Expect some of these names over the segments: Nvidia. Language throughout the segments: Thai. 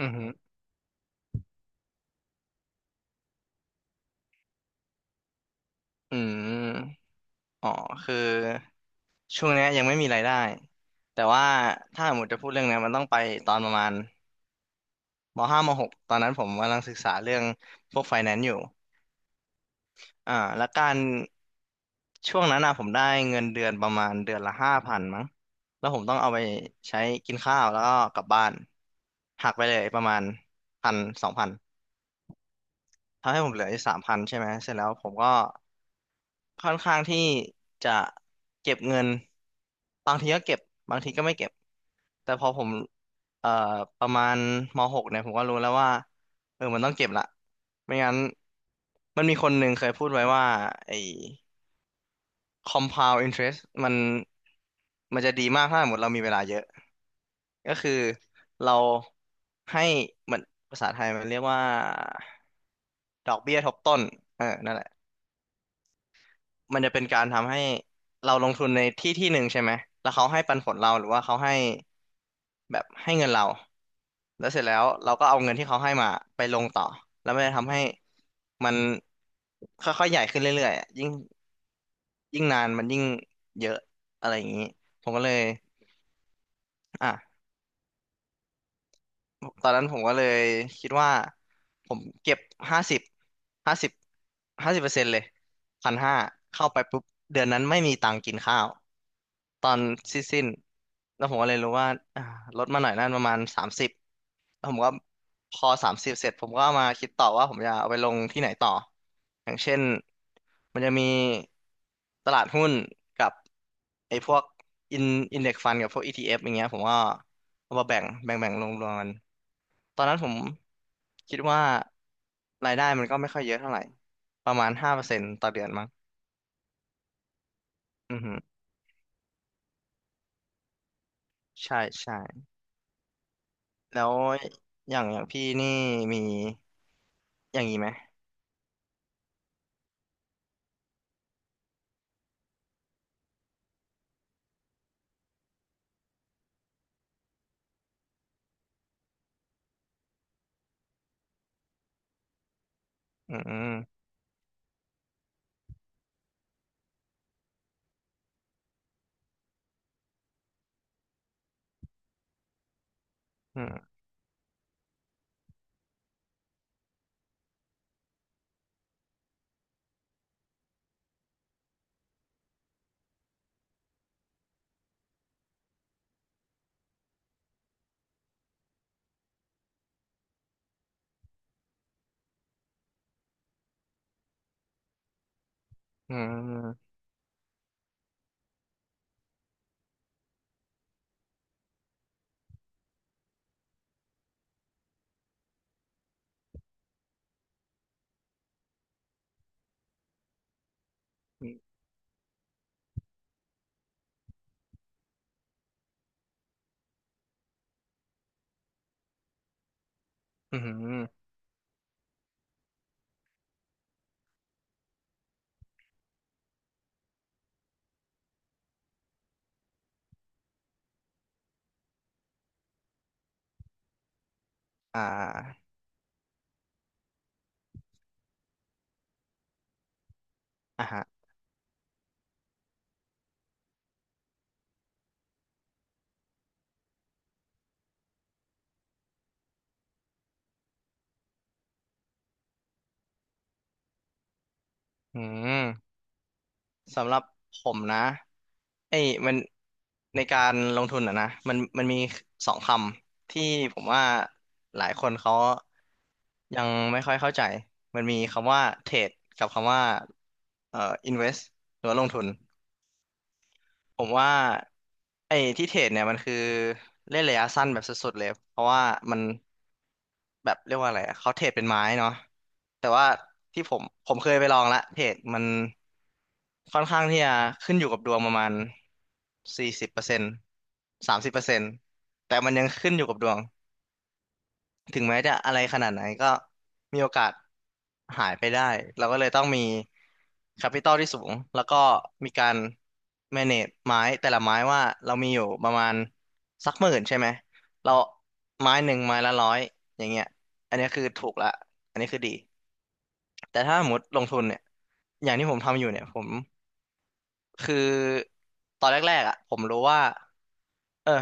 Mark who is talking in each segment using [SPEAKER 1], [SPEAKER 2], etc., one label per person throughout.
[SPEAKER 1] อือหืออืม อ๋อ คือช่วงเนี้ยยังไม่มีรายได้ แต่ว่าถ้าหมดจะพูดเรื่องเนี้ยมันต้องไปตอนประมาณมห้ามหกตอนนั้นผมกำลังศึกษาเรื่องพวกไฟแนนซ์อยู่แล้วการช่วงนั้นนะผมได้เงินเดือนประมาณเดือนละห้าพันมั้งแล้วผมต้องเอาไปใช้กินข้าวแล้วก็กลับบ้านหักไปเลยประมาณพันสองพันทำให้ผมเหลืออยู่สามพันใช่ไหม เสร็จแล้วผมก็ ค่อนข้างที่จะเก็บเงิน บางทีก็เก็บ บางทีก็ไม่เก็บ แต่พอผมเอ่อประมาณมหกเนี่ยผมก็รู้แล้วว่าเออมันต้องเก็บละไม่งั้นมันมีคนหนึ่งเคยพูดไว้ว่าไอ้ compound interest มันมันจะดีมากถ้าสมมติเรามีเวลาเยอะ ก็คือเราให้มันภาษาไทยมันเรียกว่าดอกเบี้ยทบต้นเออนั่นแหละ มันจะเป็นการทำให้เราลงทุนในที่ที่หนึ่งใช่ไหมแล้วเขาให้ปันผลเราหรือว่าเขาให้แบบให้เงินเราแล้วเสร็จแล้วเราก็เอาเงินที่เขาให้มาไปลงต่อแล้วมันจะทำให้มันค่อยๆใหญ่ขึ้นเรื่อยๆอะยิ่งนานมันยิ่งเยอะอะไรอย่างนี้ผมก็เลยอ่ะ ตอนนั้นผมก็เลยคิดว่าผมเก็บห้าสิบห้าสิบห้าสิบเปอร์เซ็นต์เลยพันห้าเข้าไปปุ๊บเดือนนั้นไม่มีตังค์กินข้าวตอนสิ้นแล้วผมก็เลยรู้ว่าอ่าลดมาหน่อยนั่นประมาณสามสิบแล้วผมก็พอสามสิบเสร็จผมก็เอามาคิดต่อว่าผมจะเอาไปลงที่ไหนต่ออย่างเช่นมันจะมีตลาดหุ้นกับไอ้พวกอินอินเด็กซ์ฟันกับพวก ETF อฟอย่างเงี้ยผมก็เอามาแบ่งลงรวมกัน ตอนนั้นผมคิดว่ารายได้มันก็ไม่ค่อยเยอะเท่าไหร่ประมาณห้าเปอร์เซ็นต์ต่อเดือนมั้งอือหือใช่ใช่แล้วอย่างพี่นี่มีอย่างนี้ไหมอืมอืมอืมอืมอืมอืมอมอ่าอ่ะฮะอืม สำหรับผมนะไอ้มันในการลงทุนอะนะมันมีสองคำที่ผมว่าหลายคนเขายังไม่ค่อยเข้าใจมันมีคำว่าเทรดกับคำว่าเอ่อ invest หรือว่าลงทุน ผมว่าไอ้ที่เทรดเนี่ยมันคือเล่นระยะสั้นแบบสุดๆเลยเพราะว่ามันแบบเรียกว่าอะไรอะเขาเทรดเป็นไม้เนาะแต่ว่าที่ผมเคยไปลองละเทรดมันค่อนข้างที่จะขึ้นอยู่กับดวงประมาณสี่สิบเปอร์เซ็นต์สามสิบเปอร์เซ็นต์แต่มันยังขึ้นอยู่กับดวง ถึงแม้จะอะไรขนาดไหนก็มีโอกาสหายไปได้เราก็เลยต้องมีแคปิตอลที่สูงแล้วก็มีการ manage ไม้แต่ละไม้ว่าเรามีอยู่ประมาณสักหมื่นใช่ไหมเราไม้หนึ่งไม้ละร้อยอย่างเงี้ยอันนี้คือถูกละอันนี้คือดีแต่ถ้าสมมติลงทุนเนี่ยอย่างที่ผมทำอยู่เนี่ยผมคือตอนแรกๆอ่ะผมรู้ว่าเออ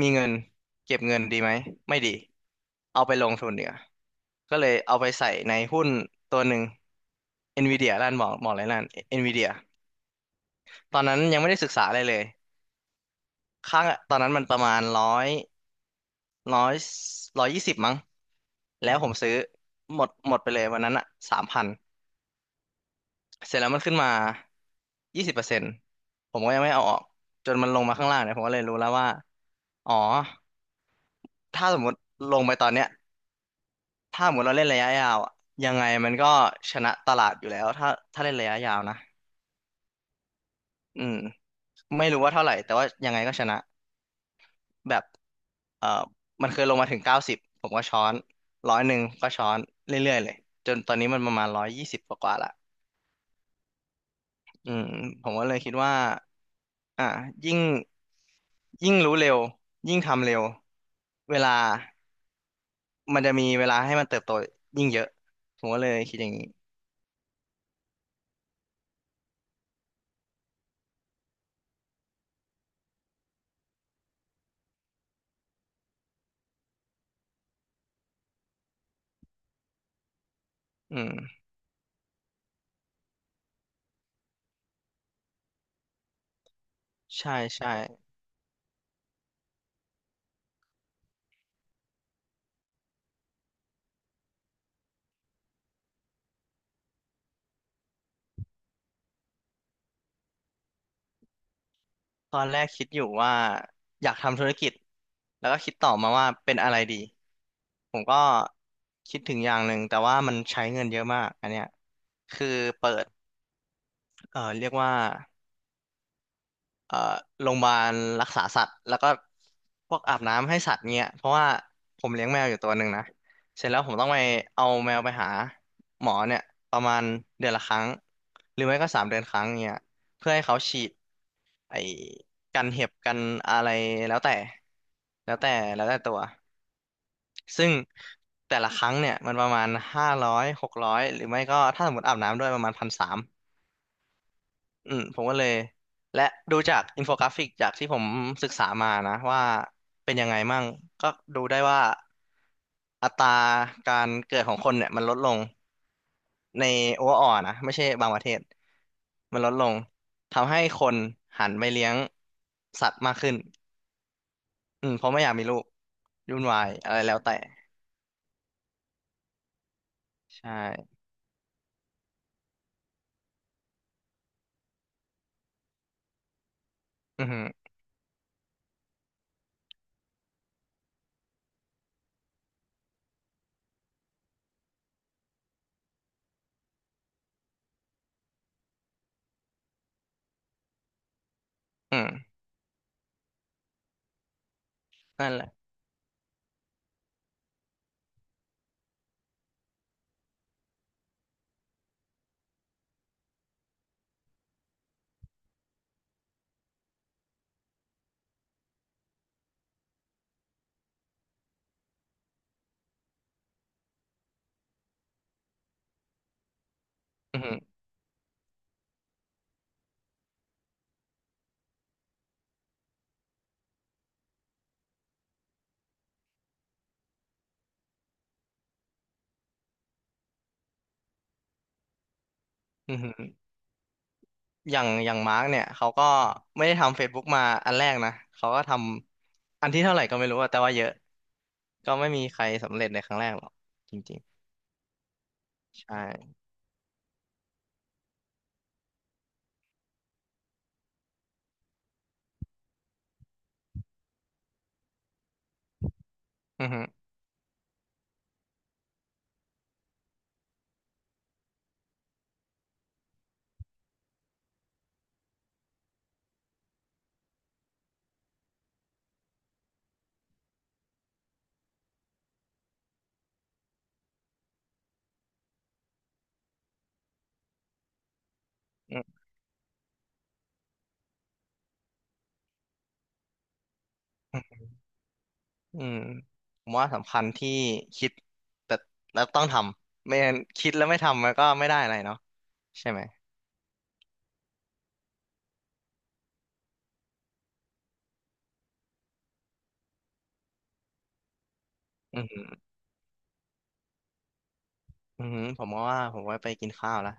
[SPEAKER 1] มีเงินเก็บเงินดีไหมไม่ดีเอาไปลงทุนเนีกว่ยก็เลยเอาไปใส่ในหุ้นตัวหนึ่ง Nvidia ร้านหมออะไรร้าน Nvidia ตอนนั้นยังไม่ได้ศึกษาอะไรเลยค่าตอนนั้นมันประมาณร้อยร้อยยี่สิบมั้งแล้วผมซื้อหมดไปเลยวันนั้นอะสามพันเสร็จแล้วมันขึ้นมายี่สิบเปอร์เซ็นต์ผมก็ยังไม่เอาออกจนมันลงมาข้างล่างเนี่ยผมก็เลยรู้แล้วว่าอ๋อถ้าสมมติลงไปตอนเนี้ย ถ้าเหมือนเราเล่นระยะยาวอะยังไงมันก็ชนะตลาดอยู่แล้วถ้าเล่นระยะยาวนะอืมไม่รู้ว่าเท่าไหร่แต่ว่ายังไงก็ชนะแบบเอ่อมันเคยลงมาถึงเก้าสิบผมก็ช้อนร้อยหนึ่งก็ช้อนเรื่อยๆเลยจนตอนนี้มันประมาณร้อยยี่สิบกว่าๆละอืมผมก็เลยคิดว่าอ่ะยิ่งรู้เร็วยิ่งทำเร็วเวลามันจะมีเวลาให้มันเติบโตยิ่งเยอะผมก็เลยคิดอย่างนี้อืมใช่ใช่ ตอนแรกคิดอยู่ว่าอยากทำธุรกิจแล้วก็คิดต่อมาว่าเป็นอะไรดีผมก็คิดถึงอย่างหนึ่งแต่ว่ามันใช้เงินเยอะมากอันเนี้ยคือเปิดเรียกว่า เอ่อโรงพยาบาลรักษาสัตว์แล้วก็พวกอาบน้ำให้สัตว์เงี้ยเพราะว่าผมเลี้ยงแมวอยู่ตัวหนึ่งนะเสร็จแล้วผมต้องไปเอาแมวไปหาหมอเนี่ยประมาณเดือนละครั้งหรือไม่ก็สามเดือนครั้งเงี้ยเพื่อให้เขาฉีดไอ้กันเห็บกันอะไรแล้วแต่แล้วแต่แล้วแต่ตัวซึ่งแต่ละครั้งเนี่ยมันประมาณห้าร้อยหกร้อยหรือไม่ก็ถ้าสมมติอาบน้ำด้วยประมาณพันสาม อืมผมก็เลยและดูจากอินโฟกราฟิกจากที่ผมศึกษามานะว่าเป็นยังไงมั่งก็ดูได้ว่าอัตราการเกิดของคนเนี่ยมันลดลงในโอเวอร์ออนะไม่ใช่บางประเทศมันลดลงทำให้คนหันไปเลี้ยงสัตว์มากขึ้นอืมเพราะไม่อยากมีลูกยุ่นวายอะไรแล้วแต่ใช่อือหืออืมนั่นแหละอือหืออือหือ อย่างมาร์กเนี่ยเขาก็ไม่ได้ทำ Facebook มาอันแรกนะเขาก็ทำอันที่เท่าไหร่ก็ไม่รู้อะแต่ว่าเยอะก็ไม่มีใครสำเร็จในครั้งแรกหรอกจริงๆใช่อือฮึอืมอมอืมผมว่าสำคัญที่คิดแต่แล้วต้องทำไม่งั้นคิดแล้วไม่ทำมันก็ไม่ได้อะไรเนาะใช่ไหมอือฮึอือฮึผมว่าไปกินข้าวแล้ว